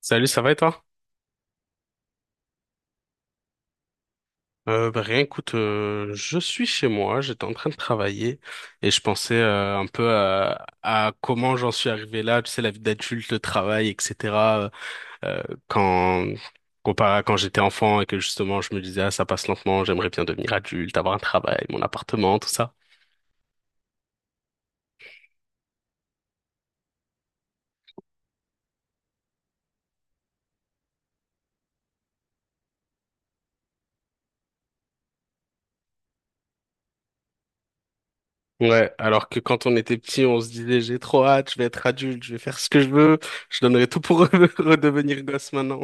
Salut, ça va et toi? Rien, écoute, je suis chez moi, j'étais en train de travailler et je pensais un peu à comment j'en suis arrivé là, tu sais, la vie d'adulte, le travail, etc. Quand comparé à quand j'étais enfant et que justement je me disais ah ça passe lentement, j'aimerais bien devenir adulte, avoir un travail, mon appartement, tout ça. Ouais, alors que quand on était petit, on se disait j'ai trop hâte, je vais être adulte, je vais faire ce que je veux, je donnerais tout pour redevenir gosse maintenant.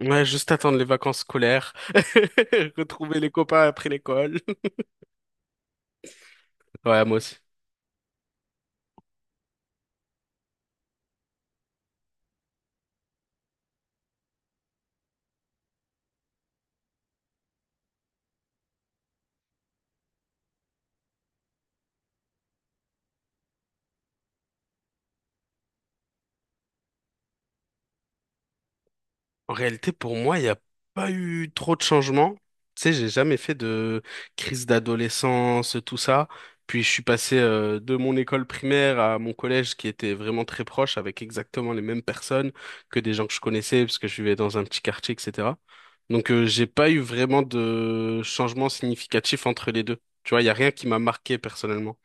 Ouais, juste attendre les vacances scolaires, retrouver les copains après l'école. Ouais, moi aussi. En réalité, pour moi, il n'y a pas eu trop de changements. Tu sais, j'ai jamais fait de crise d'adolescence, tout ça. Puis je suis passé de mon école primaire à mon collège qui était vraiment très proche avec exactement les mêmes personnes que des gens que je connaissais parce que je vivais dans un petit quartier, etc. Donc j'ai pas eu vraiment de changement significatif entre les deux. Tu vois, il n'y a rien qui m'a marqué personnellement.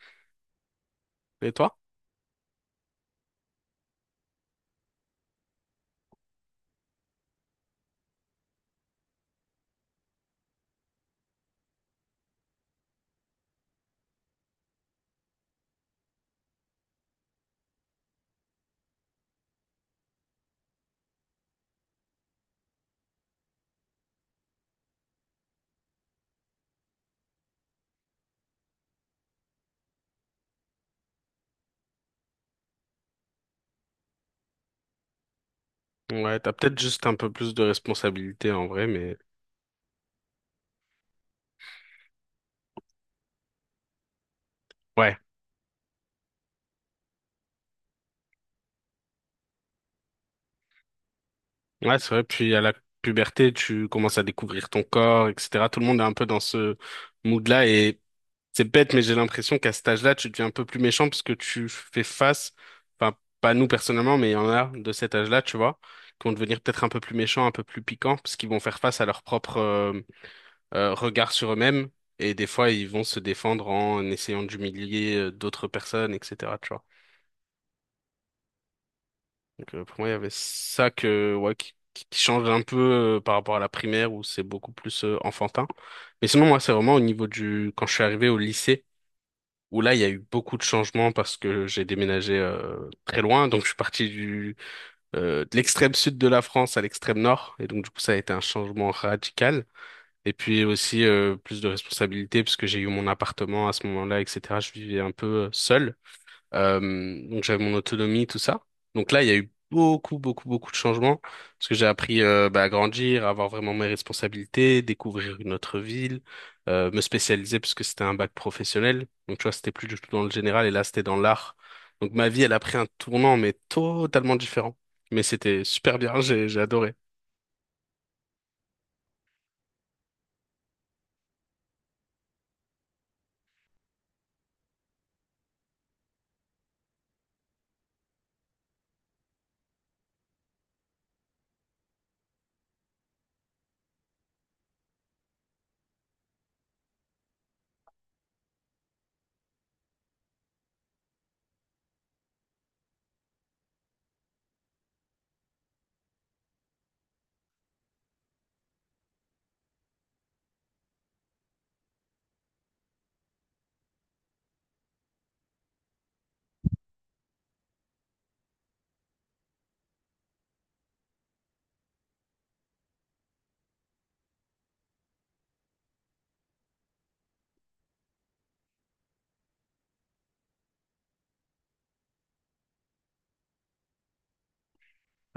Et toi? Ouais, t'as peut-être juste un peu plus de responsabilité en vrai, mais ouais, ouais, c'est vrai. Puis à la puberté, tu commences à découvrir ton corps, etc. Tout le monde est un peu dans ce mood-là et c'est bête, mais j'ai l'impression qu'à cet âge-là, tu deviens un peu plus méchant parce que tu fais face, enfin, pas nous personnellement, mais il y en a de cet âge-là, tu vois, qui vont devenir peut-être un peu plus méchants, un peu plus piquants, parce qu'ils vont faire face à leur propre regard sur eux-mêmes et des fois, ils vont se défendre en essayant d'humilier d'autres personnes, etc. Donc pour moi, il y avait ça que, ouais, qui change un peu par rapport à la primaire où c'est beaucoup plus enfantin. Mais sinon, moi, c'est vraiment au niveau du. Quand je suis arrivé au lycée, où là, il y a eu beaucoup de changements parce que j'ai déménagé très loin. Donc, je suis parti de l'extrême sud de la France à l'extrême nord. Et donc, du coup, ça a été un changement radical. Et puis aussi, plus de responsabilités parce que j'ai eu mon appartement à ce moment-là, etc. Je vivais un peu seul. Euh, donc j'avais mon autonomie, tout ça. Donc là, il y a eu beaucoup, beaucoup, beaucoup de changements parce que j'ai appris à grandir, à avoir vraiment mes responsabilités, découvrir une autre ville, me spécialiser parce que c'était un bac professionnel. Donc tu vois, c'était plus du tout dans le général et là, c'était dans l'art. Donc ma vie, elle a pris un tournant, mais totalement différent. Mais c'était super bien, j'ai adoré.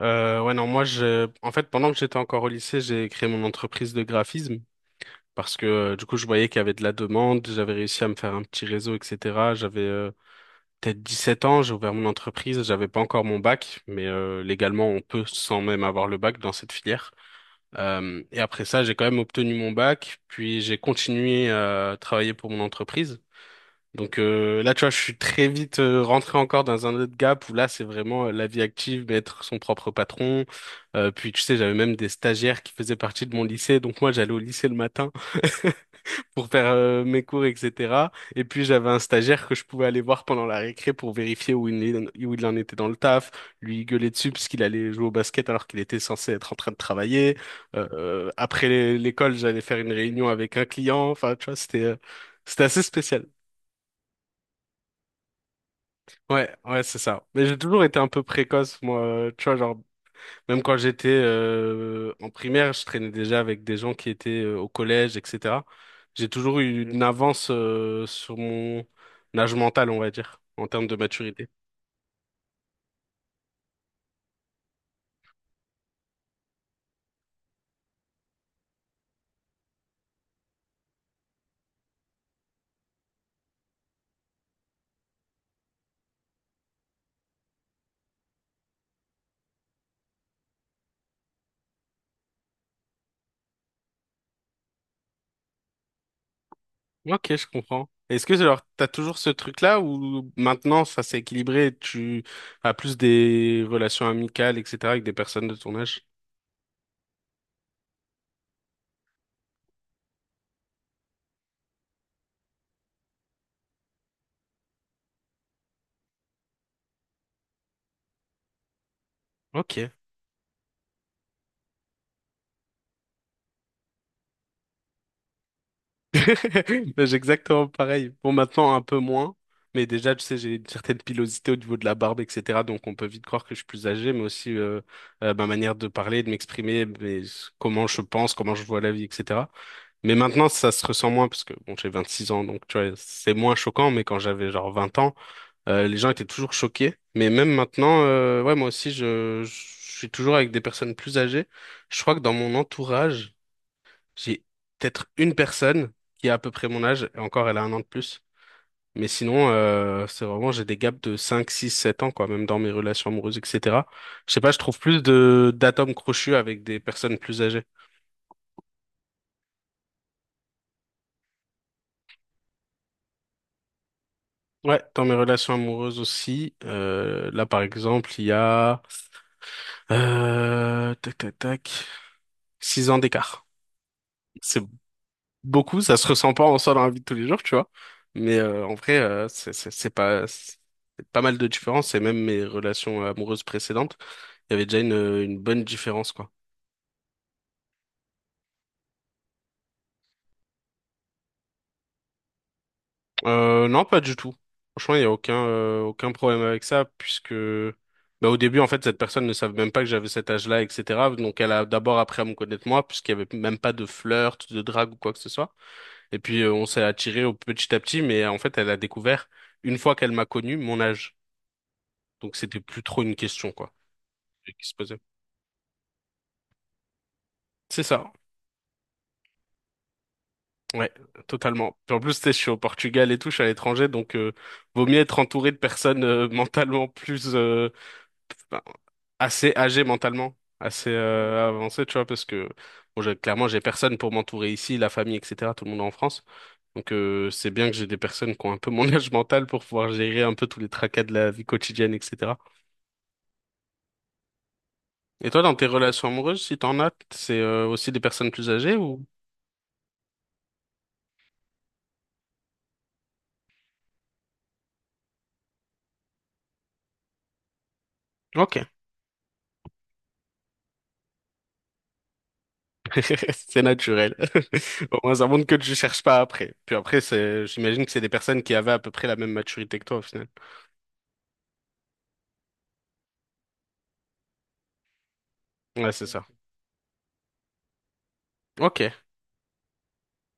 Ouais, non, moi, je, en fait, pendant que j'étais encore au lycée, j'ai créé mon entreprise de graphisme. Parce que du coup, je voyais qu'il y avait de la demande, j'avais réussi à me faire un petit réseau, etc. J'avais peut-être 17 ans, j'ai ouvert mon entreprise, j'avais pas encore mon bac, mais légalement, on peut sans même avoir le bac dans cette filière. Et après ça, j'ai quand même obtenu mon bac, puis j'ai continué à travailler pour mon entreprise. Donc là, tu vois, je suis très vite rentré encore dans un autre gap où là, c'est vraiment la vie active, mais être son propre patron. Puis tu sais, j'avais même des stagiaires qui faisaient partie de mon lycée, donc moi, j'allais au lycée le matin. pour faire mes cours, etc. Et puis j'avais un stagiaire que je pouvais aller voir pendant la récré pour vérifier où il en était dans le taf, lui gueuler dessus parce qu'il allait jouer au basket alors qu'il était censé être en train de travailler. L'école, j'allais faire une réunion avec un client. Enfin, tu vois, c'était assez spécial. Ouais, ouais, c'est ça. Mais j'ai toujours été un peu précoce, moi. Tu vois, même quand j'étais en primaire, je traînais déjà avec des gens qui étaient au collège, etc. J'ai toujours eu une avance sur mon âge mental, on va dire, en termes de maturité. Ok, je comprends. Est-ce que alors t'as toujours ce truc-là ou maintenant ça s'est équilibré, et tu as plus des relations amicales, etc. avec des personnes de ton âge? Ok. Ben, j'ai exactement pareil. Bon, maintenant, un peu moins. Mais déjà, tu sais, j'ai une certaine pilosité au niveau de la barbe, etc. Donc, on peut vite croire que je suis plus âgé, mais aussi ma manière de parler, de m'exprimer, comment je pense, comment je vois la vie, etc. Mais maintenant, ça se ressent moins, parce que bon, j'ai 26 ans, donc tu vois, c'est moins choquant. Mais quand j'avais genre 20 ans, les gens étaient toujours choqués. Mais même maintenant, ouais, moi aussi, je suis toujours avec des personnes plus âgées. Je crois que dans mon entourage, j'ai peut-être une personne qui a à peu près mon âge, et encore elle a un an de plus. Mais sinon, c'est vraiment, j'ai des gaps de 5 6 7 ans, quoi, même dans mes relations amoureuses, etc. Je sais pas, je trouve plus de d'atomes crochus avec des personnes plus âgées. Ouais, dans mes relations amoureuses aussi. Là, par exemple, il y a tac, tac, tac, 6 ans d'écart. C'est beaucoup, ça se ressent pas en soi dans la vie de tous les jours, tu vois. Mais en vrai, c'est pas mal de différence et même mes relations amoureuses précédentes, il y avait déjà une bonne différence quoi. Non, pas du tout. Franchement, il y a aucun problème avec ça puisque bah, au début en fait cette personne ne savait même pas que j'avais cet âge-là, etc. Donc elle a d'abord appris à me connaître moi puisqu'il y avait même pas de flirt, de drague ou quoi que ce soit. Et puis on s'est attiré au petit à petit, mais en fait elle a découvert une fois qu'elle m'a connu mon âge. Donc c'était plus trop une question, quoi, qui se posait. C'est ça. Ouais, totalement. Puis en plus, tu sais, je suis au Portugal et tout, je suis à l'étranger, donc vaut mieux être entouré de personnes ben, assez âgées mentalement, assez avancées, tu vois, parce que bon, clairement, j'ai personne pour m'entourer ici, la famille, etc. Tout le monde est en France, donc c'est bien que j'ai des personnes qui ont un peu mon âge mental pour pouvoir gérer un peu tous les tracas de la vie quotidienne, etc. Et toi, dans tes relations amoureuses, si t'en as, c'est aussi des personnes plus âgées ou? Ok. C'est naturel. Au moins, ça montre que tu cherches pas après. Puis après, j'imagine que c'est des personnes qui avaient à peu près la même maturité que toi au final. Ouais, c'est ça. Ok.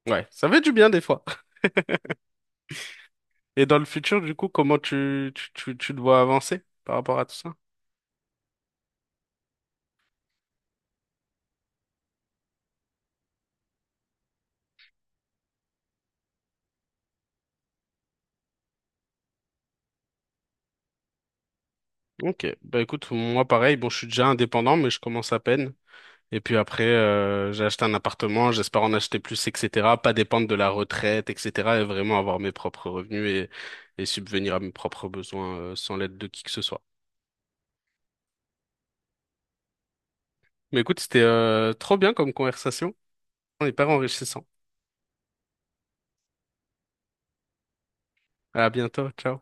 Ouais, ça fait du bien des fois. Et dans le futur, du coup, comment tu te vois avancer par rapport à tout ça? Ok. Bah écoute, moi pareil, bon, je suis déjà indépendant, mais je commence à peine. Et puis après, j'ai acheté un appartement, j'espère en acheter plus, etc. Pas dépendre de la retraite, etc. Et vraiment avoir mes propres revenus et subvenir à mes propres besoins, sans l'aide de qui que ce soit. Mais écoute, c'était trop bien comme conversation. On est pas enrichissant. À bientôt. Ciao.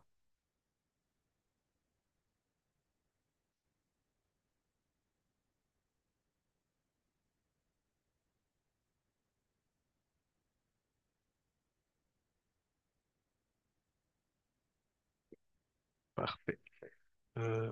Parfait. Euh,